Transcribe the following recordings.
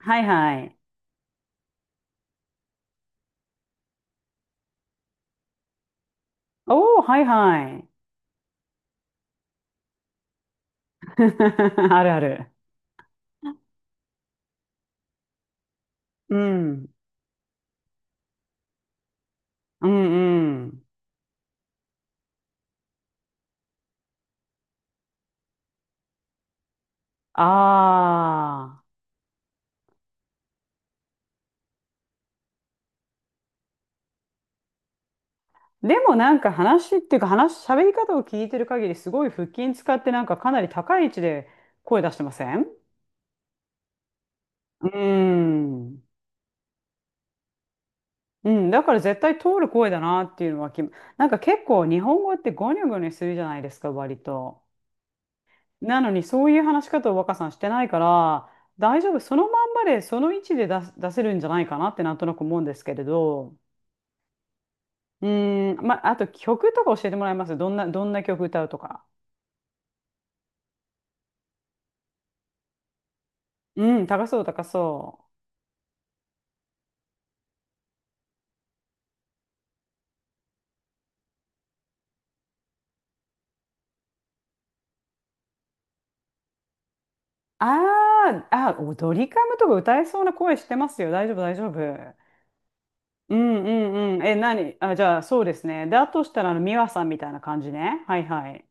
はいはい。おー、はいはい。あるある。うん。うんうん。ああ。でもなんか話っていうか話、喋り方を聞いてる限りすごい腹筋使ってなんかかなり高い位置で声出してません？うーん。うん、だから絶対通る声だなっていうのはなんか結構日本語ってゴニョゴニョするじゃないですか、割と。なのにそういう話し方を若さんしてないから大丈夫、そのまんまでその位置で出せるんじゃないかなってなんとなく思うんですけれど。うーん、まああと曲とか教えてもらえます？どんな曲歌うとか。うん、高そう高そう。あー、あお、ドリカムとか歌えそうな声してますよ。大丈夫、大丈夫。うんうんうん、え、何、あ、じゃあそうですね。で、あとしたらミワさんみたいな感じね。はいはい、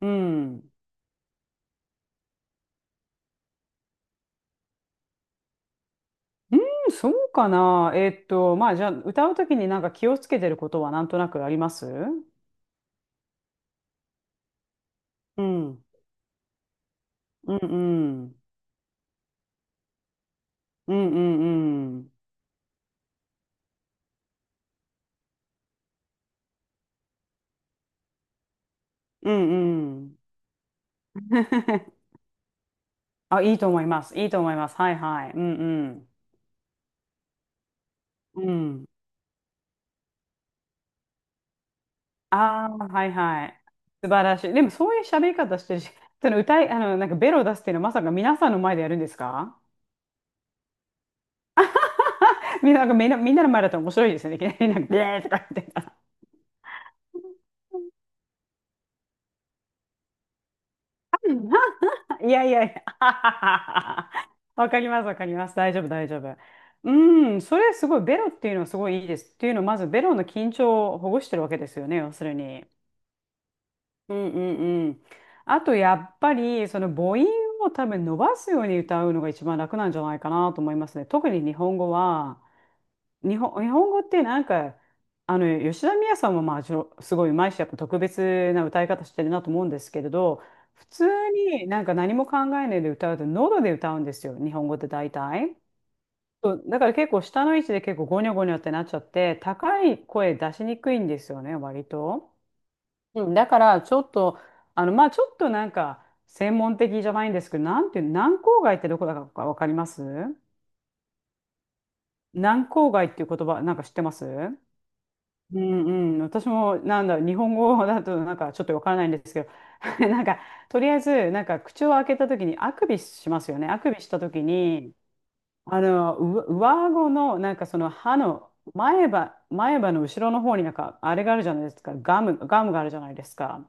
うん。うーん、そうかな。えーっと、まあ、じゃあ、歌うときになんか気をつけてることはなんとなくあります？うんうんうんうんうんうんうんうん。 あ、いいと思います。いいと思います。はいはい。うん。うん。うん。ああ、はいはい。素晴らしい。でも、そういう喋り方してるし、その歌い、あの、なんかベロを出すっていうのはまさか皆さんの前でやるんですか？みんな、みんな、みんなの前だったら面白いですよね。いきなりなんか、ビーとか言って。いやいやいや、あははは、わかります、わかります。大丈夫、大丈夫。うん、それすごい、ベロっていうのはすごいいいです。っていうのは、まずベロの緊張をほぐしてるわけですよね、要するに。うんうんうん。あと、やっぱり、その母音を多分伸ばすように歌うのが一番楽なんじゃないかなと思いますね。特に日本語は、日本語ってなんか、吉田美也さんもまあ、ちょ、すごい上手いし、やっぱ特別な歌い方してるなと思うんですけれど、普通になんか何も考えないで歌うと喉で歌うんですよ、日本語って大体。そう、だから結構下の位置で結構ゴニョゴニョってなっちゃって、高い声出しにくいんですよね、割と。うん、だからちょっと、まあちょっとなんか専門的じゃないんですけど、なんていう、軟口外ってどこだかわかります？軟口外っていう言葉、なんか知ってます？うんうん、私もなんだろう、日本語だとなんかちょっとわからないんですけど、なんかとりあえずなんか口を開けた時にあくびしますよね。あくびした時に、あのう上顎のなんかその歯の前歯、前歯の後ろの方になんかあれがあるじゃないですか。ガムがあるじゃないですか。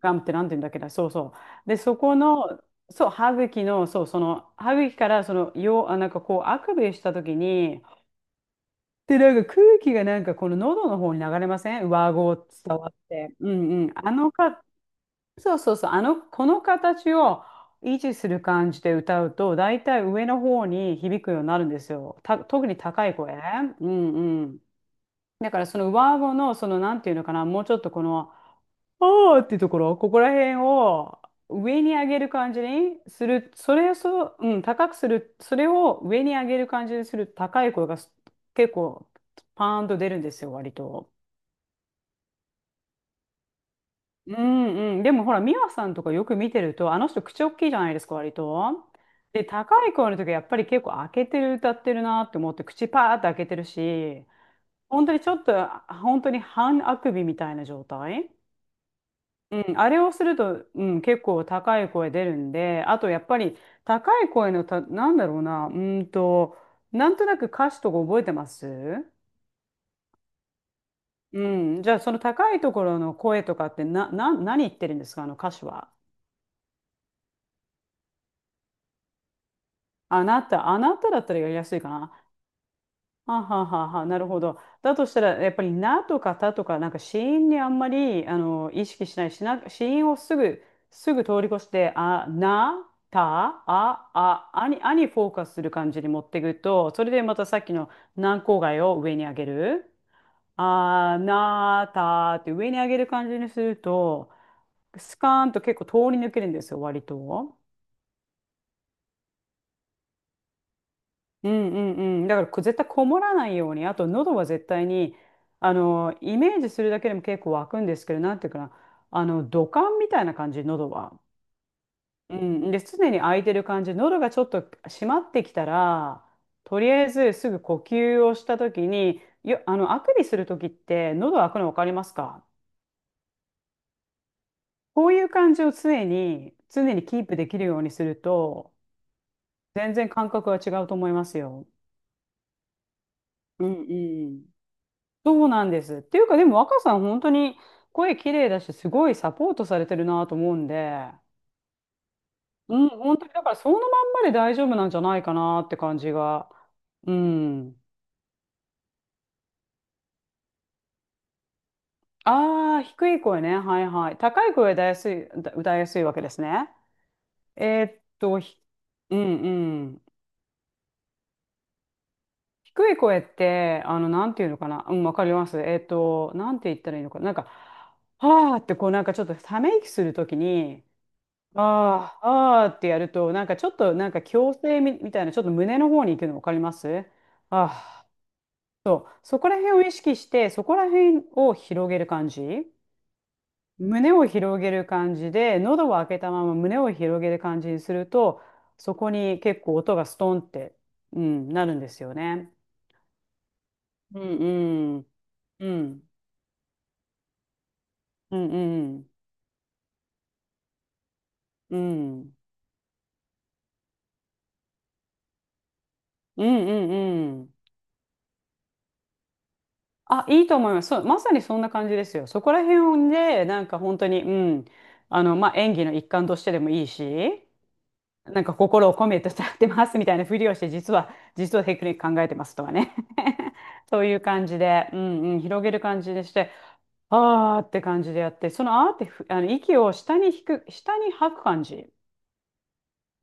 ガムってなんて言うんだっけな、そうそう。で、そこの、そう、歯茎の、そう、その歯茎からその、よう、あなんかこうあくびした時に、で、なんか空気がなんかこの喉の方に流れません？上顎伝わって。うんうん。あのか、そうそうそう。あの、この形を維持する感じで歌うと、だいたい上の方に響くようになるんですよ。特に高い声。うんうん。だからその上顎の、そのなんていうのかな、もうちょっとこの、おーっていうところ、ここら辺を上に上げる感じにする、それをそう、うん、高くする、それを上に上げる感じにする高い声が結構パーンと出るんですよ、割と。うんうん。でもほら、ミワさんとかよく見てると、あの人口大きいじゃないですか、割と。で、高い声の時はやっぱり結構開けてる、歌ってるなって思って、口パーって開けてるし、本当にちょっと、本当に半あくびみたいな状態。うん、あれをすると、うん、結構高い声出るんで、あとやっぱり高い声のなんだろうな、うーんと、なんとなく歌詞とか覚えてます？うん、じゃあその高いところの声とかって何言ってるんですか、あの歌詞は。あなた、あなただったらやりやすいかな。はあははは、なるほど。だとしたら、やっぱり、なとかたとか、なんか、子音にあんまり、あの、意識しないしな、子音をすぐ、すぐ通り越して、あ、な、た、あ、あ、あにフォーカスする感じに持っていくと、それでまたさっきの軟口蓋を上に上げる。あ、な、たって上に上げる感じにすると、スカーンと結構通り抜けるんですよ、割と。うんうんうん。だから絶対こもらないように、あと喉は絶対に、あの、イメージするだけでも結構湧くんですけど、なんていうかな、あの、土管みたいな感じ、喉は。うん。で、常に開いてる感じ、喉がちょっと閉まってきたら、とりあえずすぐ呼吸をしたときに、よ、あの、あくびするときって、喉開くの分かりますか？こういう感じを常にキープできるようにすると、全然感覚は違うと思いますよ。うんうん。そうなんです。っていうか、でも若さん、本当に声綺麗だし、すごいサポートされてるなと思うんで、うん、本当にだからそのまんまで大丈夫なんじゃないかなって感じが。うん。ああ、低い声ね。はいはい。高い声は歌いやすい、歌いやすいわけですね。えーっと、ひうんうん。低い声って、あの、なんていうのかな。うん、わかります。えーっと、なんて言ったらいいのかな。なんか、はーって、こう、なんかちょっとため息するときに、ああ、ああってやると、なんかちょっと、なんか矯正み、みたいな、ちょっと胸の方に行くの分かります？ああ、そう。そこら辺を意識して、そこら辺を広げる感じ。胸を広げる感じで、喉を開けたまま胸を広げる感じにすると、そこに結構音がストンって、うん、なるんですよね。うんうん。うん。うんうん。うん。うんうんうん。あ、いいと思います。そう、まさにそんな感じですよ。そこら辺で、なんか本当に、うん、あの、まあ、演技の一環としてでもいいし、なんか心を込めて歌ってますみたいなふりをして、実はテクニック考えてますとかね。そういう感じで、うんうん、広げる感じでして、あーって感じでやって、そのあーってふ、あの、息を下に引く、下に吐く感じ。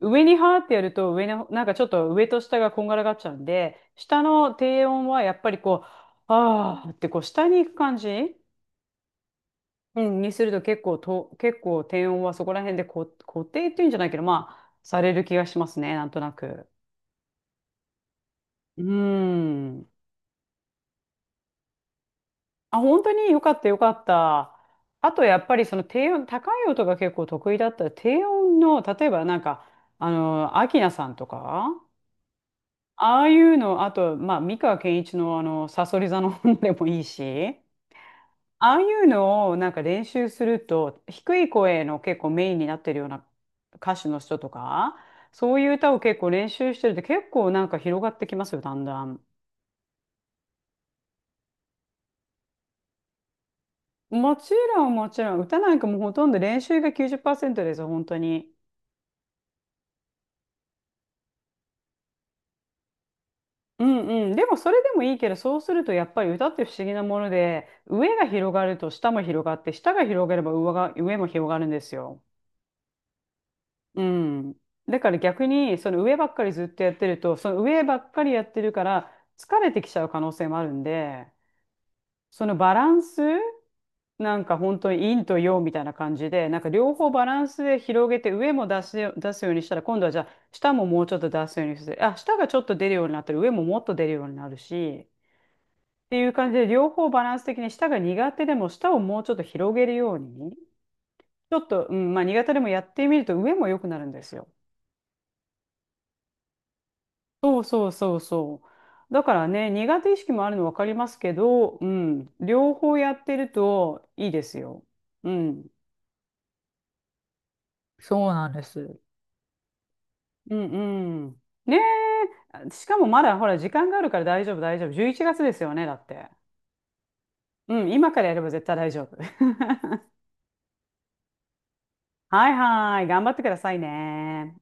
上にはーってやると、上の、なんかちょっと上と下がこんがらがっちゃうんで、下の低音はやっぱりこう、あーってこう下に行く感じ。うん、にすると結構低音はそこら辺で固定っていうんじゃないけど、まあ、される気がしますね、なんとなく。うーん。あ、本当によかったよかった。あとやっぱりその低音、高い音が結構得意だったら、低音の、例えばなんか、あの、アキナさんとか、ああいうの、あと、まあ、三川憲一のあの、さそり座の本でもいいし、ああいうのをなんか練習すると、低い声の結構メインになってるような歌手の人とか、そういう歌を結構練習してると結構なんか広がってきますよ、だんだん。もちろん、もちろん、歌なんかもうほとんど練習が90%ですよ、本当に。うんうん。でもそれでもいいけど、そうするとやっぱり歌って不思議なもので、上が広がると下も広がって、下が広がれば上も広がるんですよ。うん。だから逆に、その上ばっかりずっとやってると、その上ばっかりやってるから、疲れてきちゃう可能性もあるんで、そのバランス、なんか本当に陰と陽みたいな感じで、なんか両方バランスで広げて、上も出すよ、出すようにしたら、今度はじゃあ、下ももうちょっと出すようにする。あ、下がちょっと出るようになったら、上ももっと出るようになるし、っていう感じで、両方バランス的に、下が苦手でも、下をもうちょっと広げるように、ちょっと、うん、まあ苦手でもやってみると、上も良くなるんですよ。そうそうそうそう。だからね、苦手意識もあるの分かりますけど、うん、両方やってるといいですよ。うん、そうなんです。うんうん。ねえ、しかもまだほら、時間があるから大丈夫、大丈夫。11月ですよね、だって。うん、今からやれば絶対大丈夫。はいはい、頑張ってくださいね。